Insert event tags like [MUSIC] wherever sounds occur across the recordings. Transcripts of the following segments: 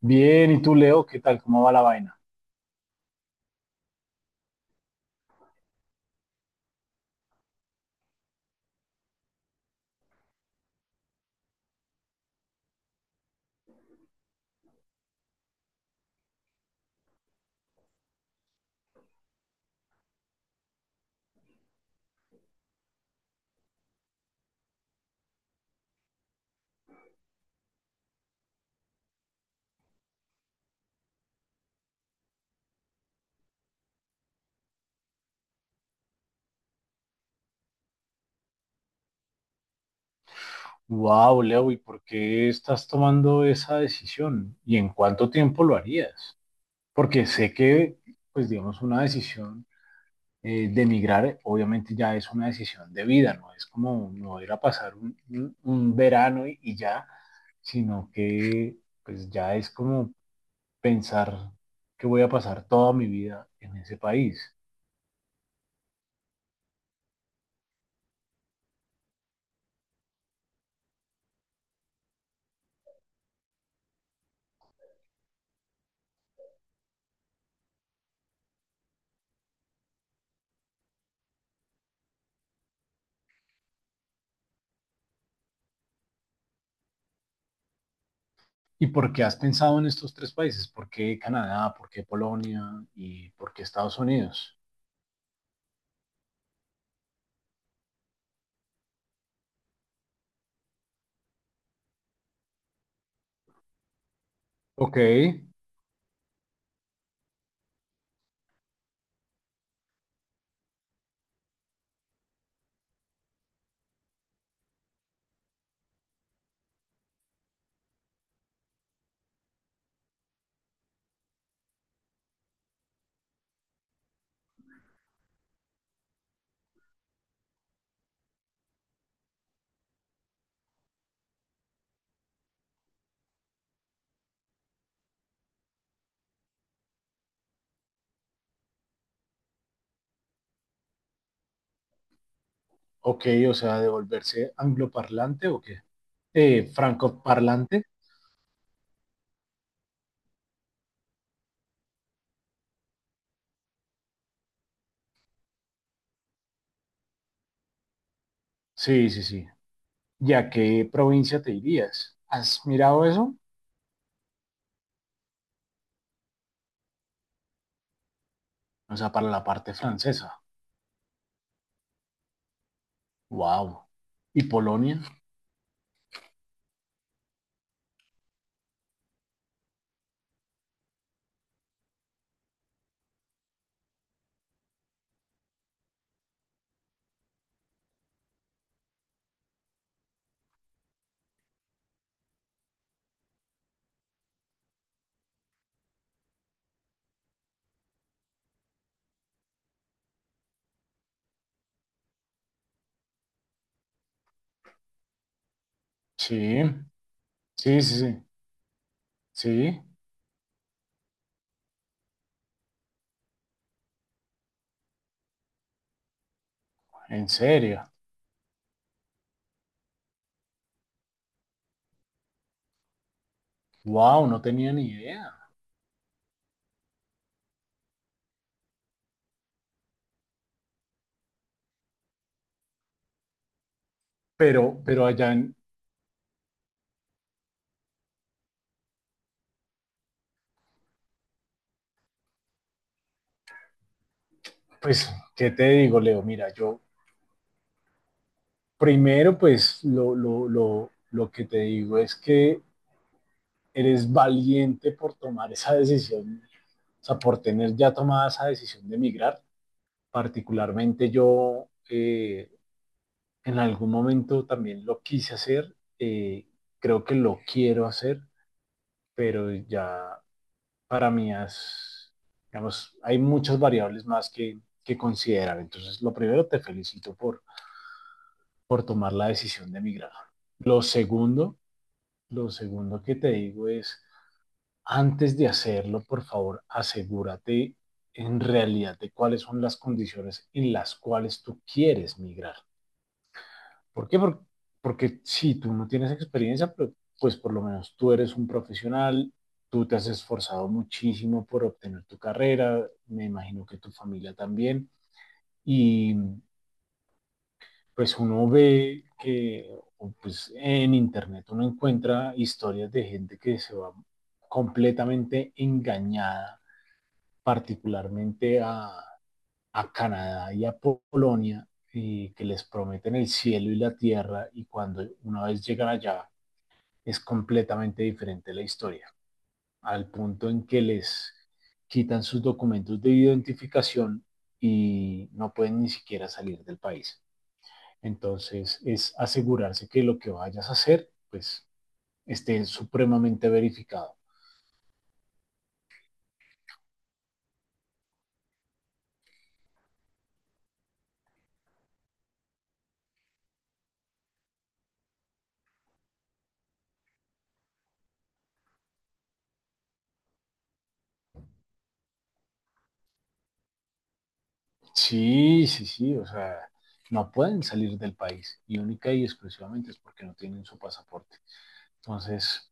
Bien, ¿y tú, Leo? ¿Qué tal? ¿Cómo va la vaina? Wow, Leo, ¿y por qué estás tomando esa decisión? ¿Y en cuánto tiempo lo harías? Porque sé que, pues digamos, una decisión de emigrar, obviamente ya es una decisión de vida, no es como no ir a pasar un verano y ya, sino que pues ya es como pensar que voy a pasar toda mi vida en ese país. ¿Y por qué has pensado en estos tres países? ¿Por qué Canadá? ¿Por qué Polonia? ¿Y por qué Estados Unidos? Ok, ok, o sea, ¿de volverse angloparlante o qué? Francoparlante. Sí, sí, sí. ¿Y a qué provincia te irías? ¿Has mirado eso? O sea, para la parte francesa. Wow. ¿Y Polonia? Sí, sí, sí, sí. Sí, en serio. Wow, no tenía ni idea. Pero allá en, pues, ¿qué te digo, Leo? Mira, yo, primero, pues lo que te digo es que eres valiente por tomar esa decisión, o sea, por tener ya tomada esa decisión de emigrar. Particularmente yo, en algún momento también lo quise hacer, eh, creo que lo quiero hacer, pero ya para mí es, digamos, hay muchas variables más que considerar. Entonces, lo primero, te felicito por tomar la decisión de emigrar. Lo segundo, lo segundo que te digo es, antes de hacerlo, por favor, asegúrate en realidad de cuáles son las condiciones en las cuales tú quieres migrar. ¿Por qué? Porque si sí, tú no tienes experiencia, pues por lo menos tú eres un profesional, tú te has esforzado muchísimo por obtener tu carrera, me imagino que tu familia también, y pues uno ve que pues, en internet uno encuentra historias de gente que se va completamente engañada, particularmente a Canadá y a Polonia, y que les prometen el cielo y la tierra y cuando una vez llegan allá es completamente diferente la historia, al punto en que les quitan sus documentos de identificación y no pueden ni siquiera salir del país. Entonces, es asegurarse que lo que vayas a hacer, pues, esté supremamente verificado. Sí, sí, sí, o sea, no pueden salir del país y única y exclusivamente es porque no tienen su pasaporte. Entonces,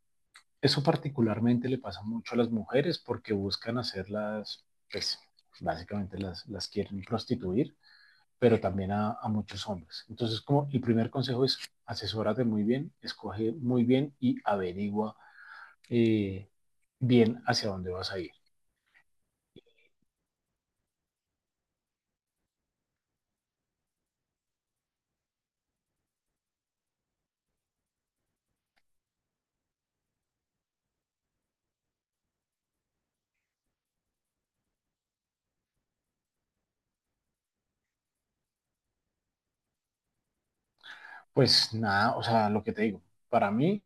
eso particularmente le pasa mucho a las mujeres porque buscan hacerlas, pues, básicamente las quieren prostituir, pero también a muchos hombres. Entonces, como el primer consejo es asesórate muy bien, escoge muy bien y averigua eh, bien hacia dónde vas a ir. Pues nada, o sea, lo que te digo, para mí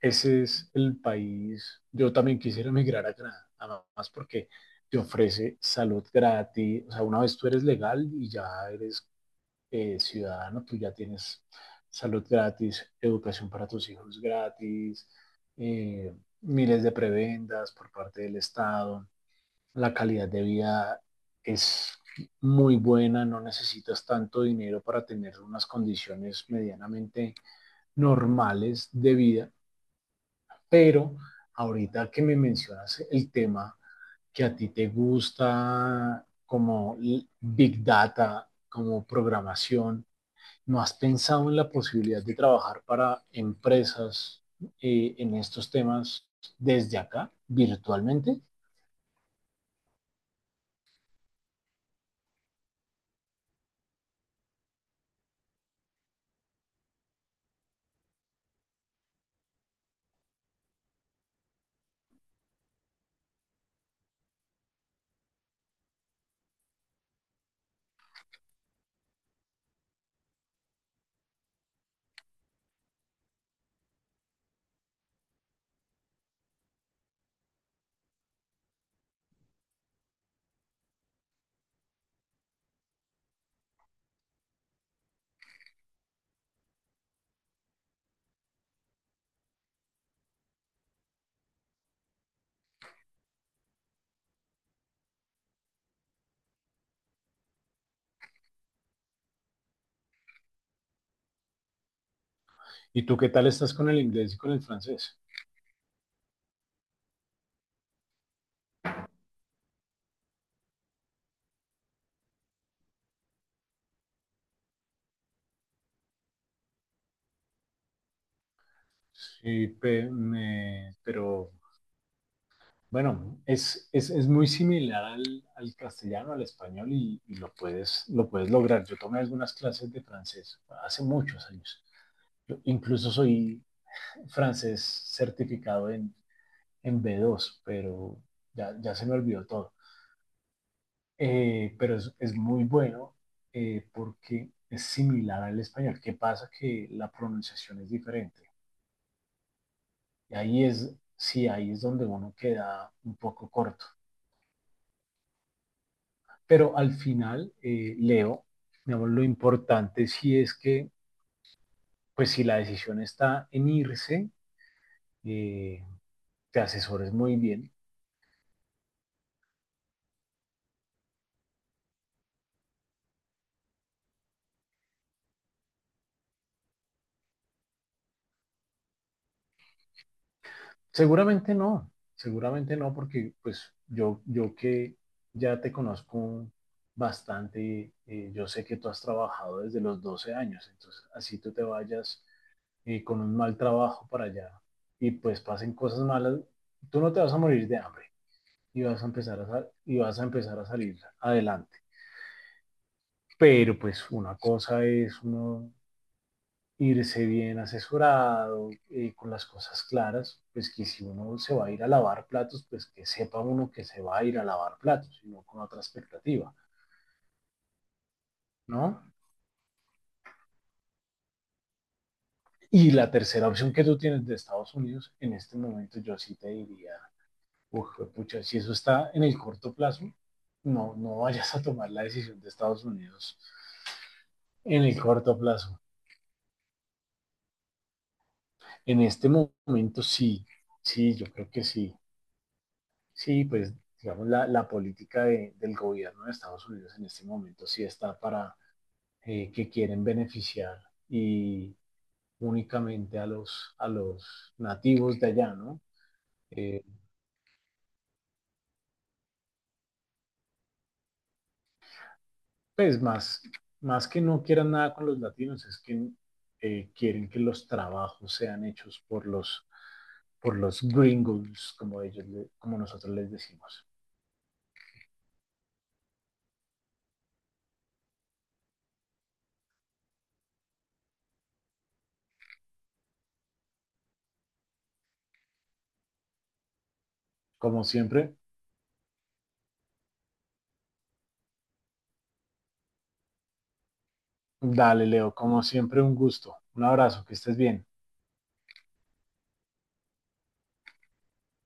ese es el país, yo también quisiera [LAUGHS] emigrar a Canadá, además porque te ofrece salud gratis, o sea, una vez tú eres legal y ya eres ciudadano, tú ya tienes salud gratis, educación para tus hijos gratis, eh, miles de prebendas por parte del Estado. La calidad de vida es muy buena, no necesitas tanto dinero para tener unas condiciones medianamente normales de vida, pero ahorita que me mencionas el tema que a ti te gusta como Big Data, como programación, ¿no has pensado en la posibilidad de trabajar para empresas en estos temas desde acá, virtualmente? ¿Y tú qué tal estás con el inglés y con el francés? Sí, pero bueno, es muy similar al, al castellano, al español y lo puedes lograr. Yo tomé algunas clases de francés hace muchos años. Yo incluso soy francés certificado en B2, pero ya, ya se me olvidó todo. Pero es muy bueno, porque es similar al español. ¿Qué pasa? Que la pronunciación es diferente. Y ahí es, sí, ahí es donde uno queda un poco corto. Pero al final, Leo, digamos, lo importante sí es que, pues si la decisión está en irse, eh, te asesores muy bien. Seguramente no, porque pues yo que ya te conozco bastante, yo sé que tú has trabajado desde los 12 años, entonces así tú te vayas con un mal trabajo para allá y pues pasen cosas malas, tú no te vas a morir de hambre y vas a empezar a, y vas a empezar a salir adelante. Pero pues una cosa es uno irse bien asesorado, con las cosas claras, pues que si uno se va a ir a lavar platos, pues que sepa uno que se va a ir a lavar platos, y no con otra expectativa, ¿no? Y la tercera opción que tú tienes de Estados Unidos, en este momento yo sí te diría, uff, pucha, si eso está en el corto plazo, no, no vayas a tomar la decisión de Estados Unidos en el corto plazo. En este momento sí, sí, yo creo que sí. Sí, pues digamos, la política de- del gobierno de Estados Unidos en este momento sí está para que quieren beneficiar y únicamente a los nativos de allá, ¿no? Eh, pues más, más que no quieran nada con los latinos, es que quieren que los trabajos sean hechos por los gringos, como ellos, como nosotros les decimos. Como siempre, dale, Leo, como siempre, un gusto. Un abrazo, que estés bien.